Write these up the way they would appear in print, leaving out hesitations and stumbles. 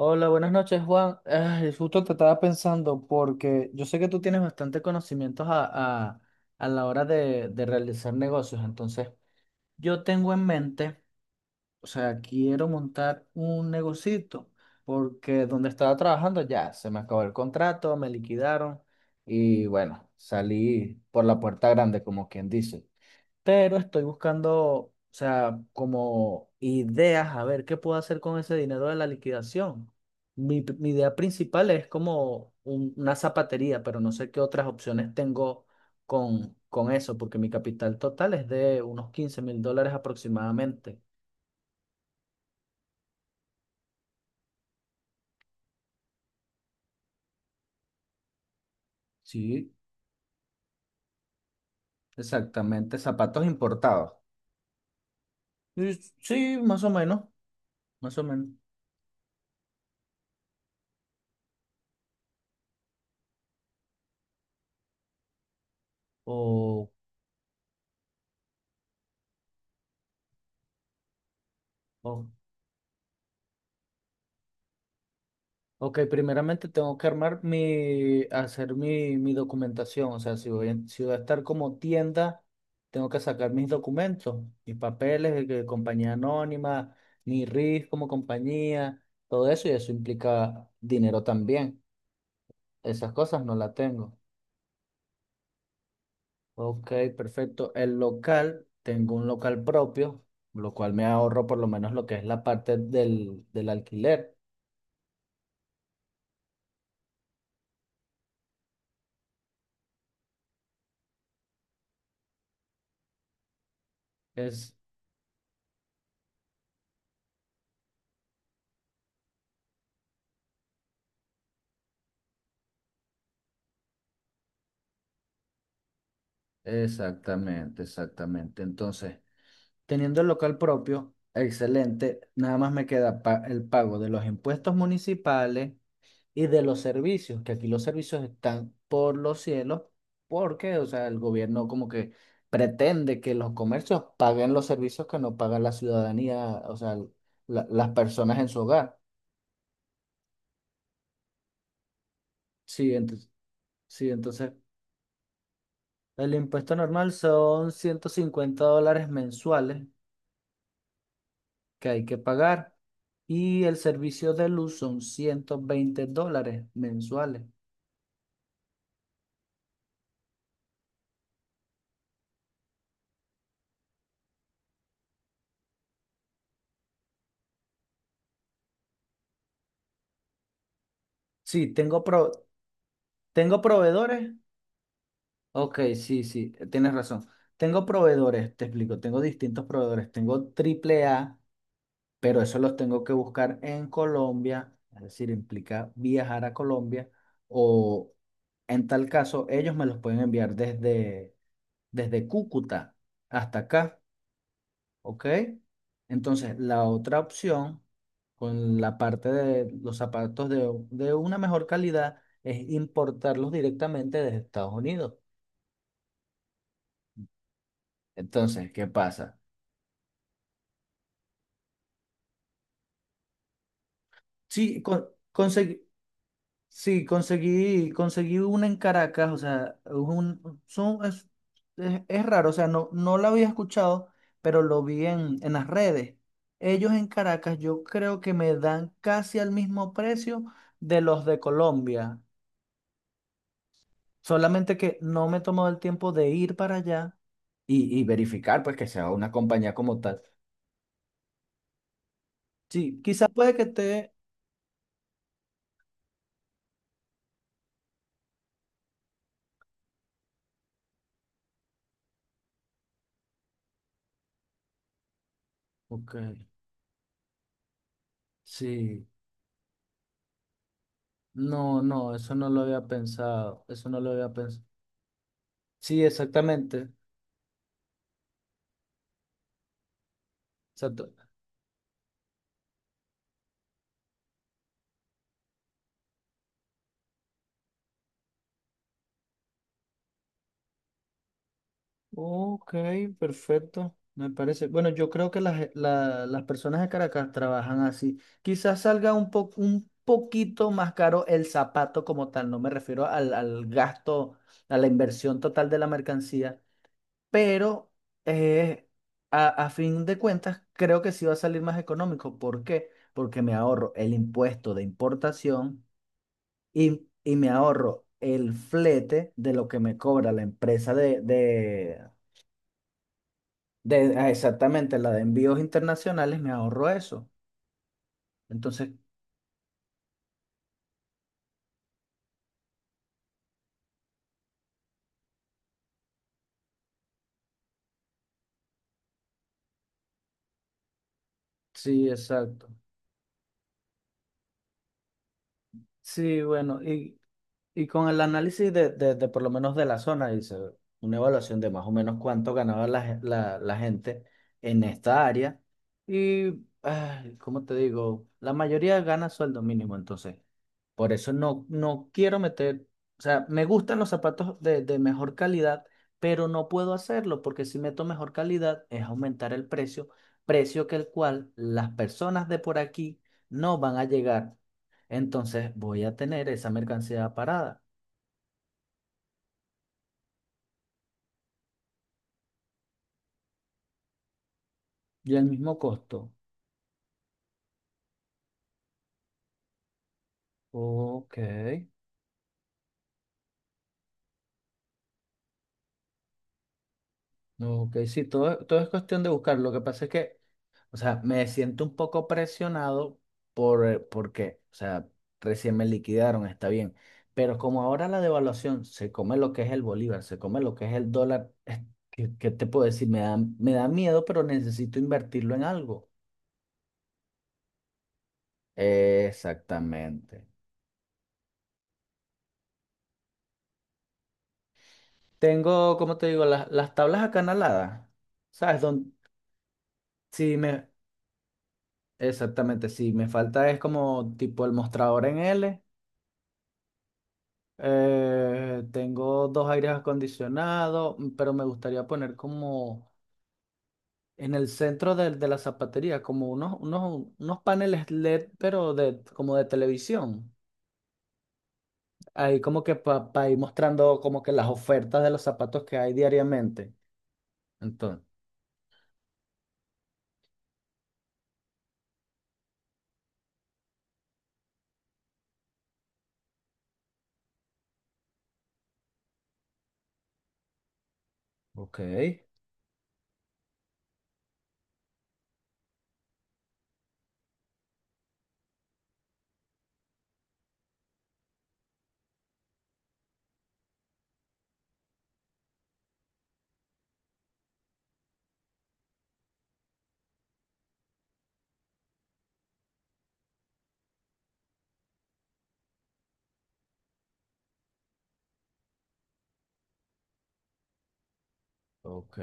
Hola, buenas noches, Juan. Ay, justo te estaba pensando porque yo sé que tú tienes bastante conocimientos a la hora de realizar negocios. Entonces, yo tengo en mente, o sea, quiero montar un negocito porque donde estaba trabajando ya se me acabó el contrato, me liquidaron y bueno, salí por la puerta grande, como quien dice, pero estoy buscando, o sea, como ideas, a ver qué puedo hacer con ese dinero de la liquidación. Mi idea principal es como una zapatería, pero no sé qué otras opciones tengo con eso, porque mi capital total es de unos 15 mil dólares aproximadamente. Sí, exactamente, zapatos importados. Y sí, más o menos, más o menos. O, o Ok, primeramente tengo que armar mi, hacer mi documentación. O sea, si voy, si voy a estar como tienda, tengo que sacar mis documentos, mis papeles de que compañía anónima, mi RIF como compañía, todo eso, y eso implica dinero también. Esas cosas no las tengo. Ok, perfecto. El local, tengo un local propio, lo cual me ahorro por lo menos lo que es la parte del alquiler. Exactamente, exactamente. Entonces, teniendo el local propio, excelente, nada más me queda el pago de los impuestos municipales y de los servicios, que aquí los servicios están por los cielos, porque, o sea, el gobierno como que pretende que los comercios paguen los servicios que no paga la ciudadanía, o sea, las personas en su hogar. Sí, entonces, sí, entonces el impuesto normal son 150 dólares mensuales que hay que pagar y el servicio de luz son 120 dólares mensuales. Sí, tengo, tengo proveedores. Ok, sí, sí, tienes razón. Tengo proveedores, te explico, tengo distintos proveedores. Tengo triple A, pero eso los tengo que buscar en Colombia, es decir, implica viajar a Colombia o en tal caso ellos me los pueden enviar desde, desde Cúcuta hasta acá. ¿Ok? Entonces, la otra opción, con la parte de los zapatos de una mejor calidad, es importarlos directamente desde Estados Unidos. Entonces, ¿qué pasa? Sí, conseguí, sí, conseguí una en Caracas, o sea, es, es raro, o sea, no, no la había escuchado, pero lo vi en las redes. Ellos en Caracas yo creo que me dan casi al mismo precio de los de Colombia. Solamente que no me he tomado el tiempo de ir para allá y verificar, pues, que sea una compañía como tal. Sí, quizás puede que esté. Ok, sí. No, no, eso no lo había pensado. Eso no lo había pensado. Sí, exactamente. Exacto. Ok, perfecto. Me parece. Bueno, yo creo que las personas de Caracas trabajan así. Quizás salga un un poquito más caro el zapato como tal. No me refiero al gasto, a la inversión total de la mercancía, pero eh, a fin de cuentas creo que sí va a salir más económico. ¿Por qué? Porque me ahorro el impuesto de importación y me ahorro el flete de lo que me cobra la empresa ah, exactamente la de envíos internacionales, me ahorro eso. Entonces, sí, exacto. Sí, bueno, y con el análisis de por lo menos de la zona, hice una evaluación de más o menos cuánto ganaba la, la gente en esta área. Y, ay, ¿cómo te digo? La mayoría gana sueldo mínimo, entonces. Por eso no, no quiero meter, o sea, me gustan los zapatos de mejor calidad, pero no puedo hacerlo porque si meto mejor calidad es aumentar el precio, precio que el cual las personas de por aquí no van a llegar. Entonces voy a tener esa mercancía parada. Y al mismo costo. Ok, no, ok, sí, todo, todo es cuestión de buscar. Lo que pasa es que, o sea, me siento un poco presionado por, porque, o sea, recién me liquidaron, está bien. Pero como ahora la devaluación se come lo que es el bolívar, se come lo que es el dólar, es ¿qué, te puedo decir? Me da miedo, pero necesito invertirlo en algo. Exactamente. Tengo, como te digo, las tablas acanaladas. ¿Sabes? Don- si me, Exactamente, sí, me falta es como tipo el mostrador en L. Tengo dos aires acondicionados, pero me gustaría poner como en el centro la zapatería, como unos paneles LED, pero de, como de televisión. Ahí como que para ir mostrando como que las ofertas de los zapatos que hay diariamente. Entonces, ok, ok.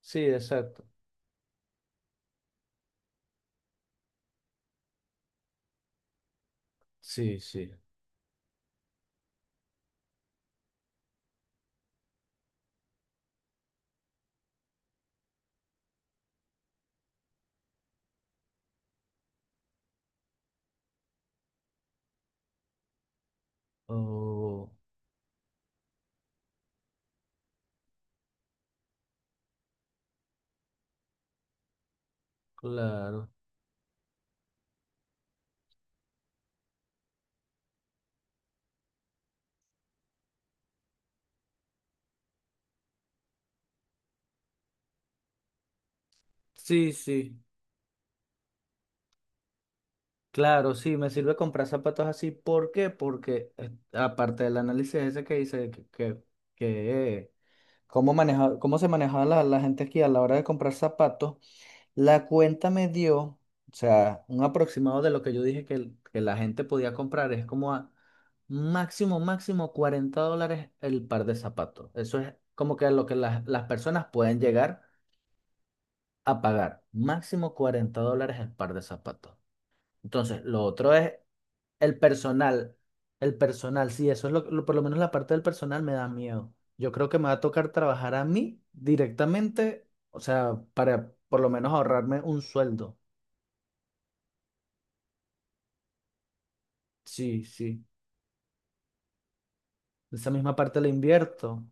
Sí, exacto. Sí, sí. Oh, claro. Sí, sí. Claro, sí, me sirve comprar zapatos así. ¿Por qué? Porque aparte del análisis ese que dice que, eh, cómo maneja, cómo se manejaba la gente aquí a la hora de comprar zapatos, la cuenta me dio, o sea, un aproximado de lo que yo dije que, que la gente podía comprar. Es como a máximo, máximo 40 dólares el par de zapatos. Eso es como que lo que las personas pueden llegar a pagar. Máximo 40 dólares el par de zapatos. Entonces, lo otro es el personal, el personal, sí, eso es por lo menos la parte del personal me da miedo. Yo creo que me va a tocar trabajar a mí directamente, o sea, para por lo menos ahorrarme un sueldo. Sí, sí. Esa misma parte la invierto.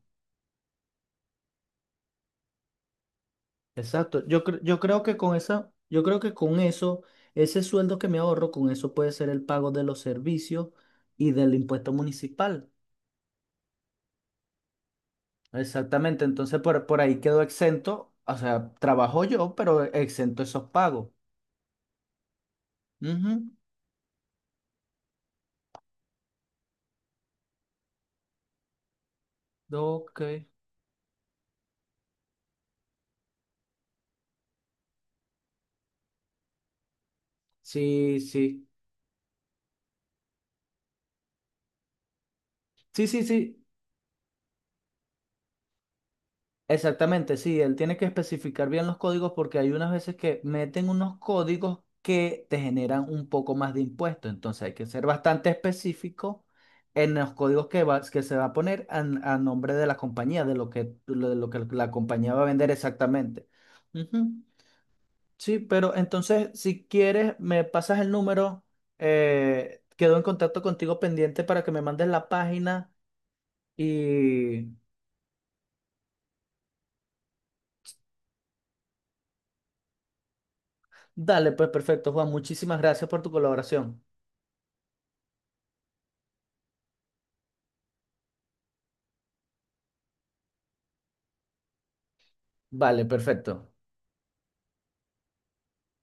Exacto. Yo creo que con esa, yo creo que con eso, ese sueldo que me ahorro, con eso puede ser el pago de los servicios y del impuesto municipal. Exactamente. Entonces por ahí quedo exento. O sea, trabajo yo, pero exento esos pagos. Ujú. Ok. Sí, sí. Sí, sí, sí. Exactamente, sí. Él tiene que especificar bien los códigos porque hay unas veces que meten unos códigos que te generan un poco más de impuesto. Entonces hay que ser bastante específico en los códigos que se va a poner a nombre de la compañía, de lo que, de lo que la compañía va a vender exactamente. Ujú. Sí, pero entonces, si quieres, me pasas el número. Quedo en contacto contigo pendiente para que me mandes la página y dale, pues perfecto, Juan. Muchísimas gracias por tu colaboración. Vale, perfecto.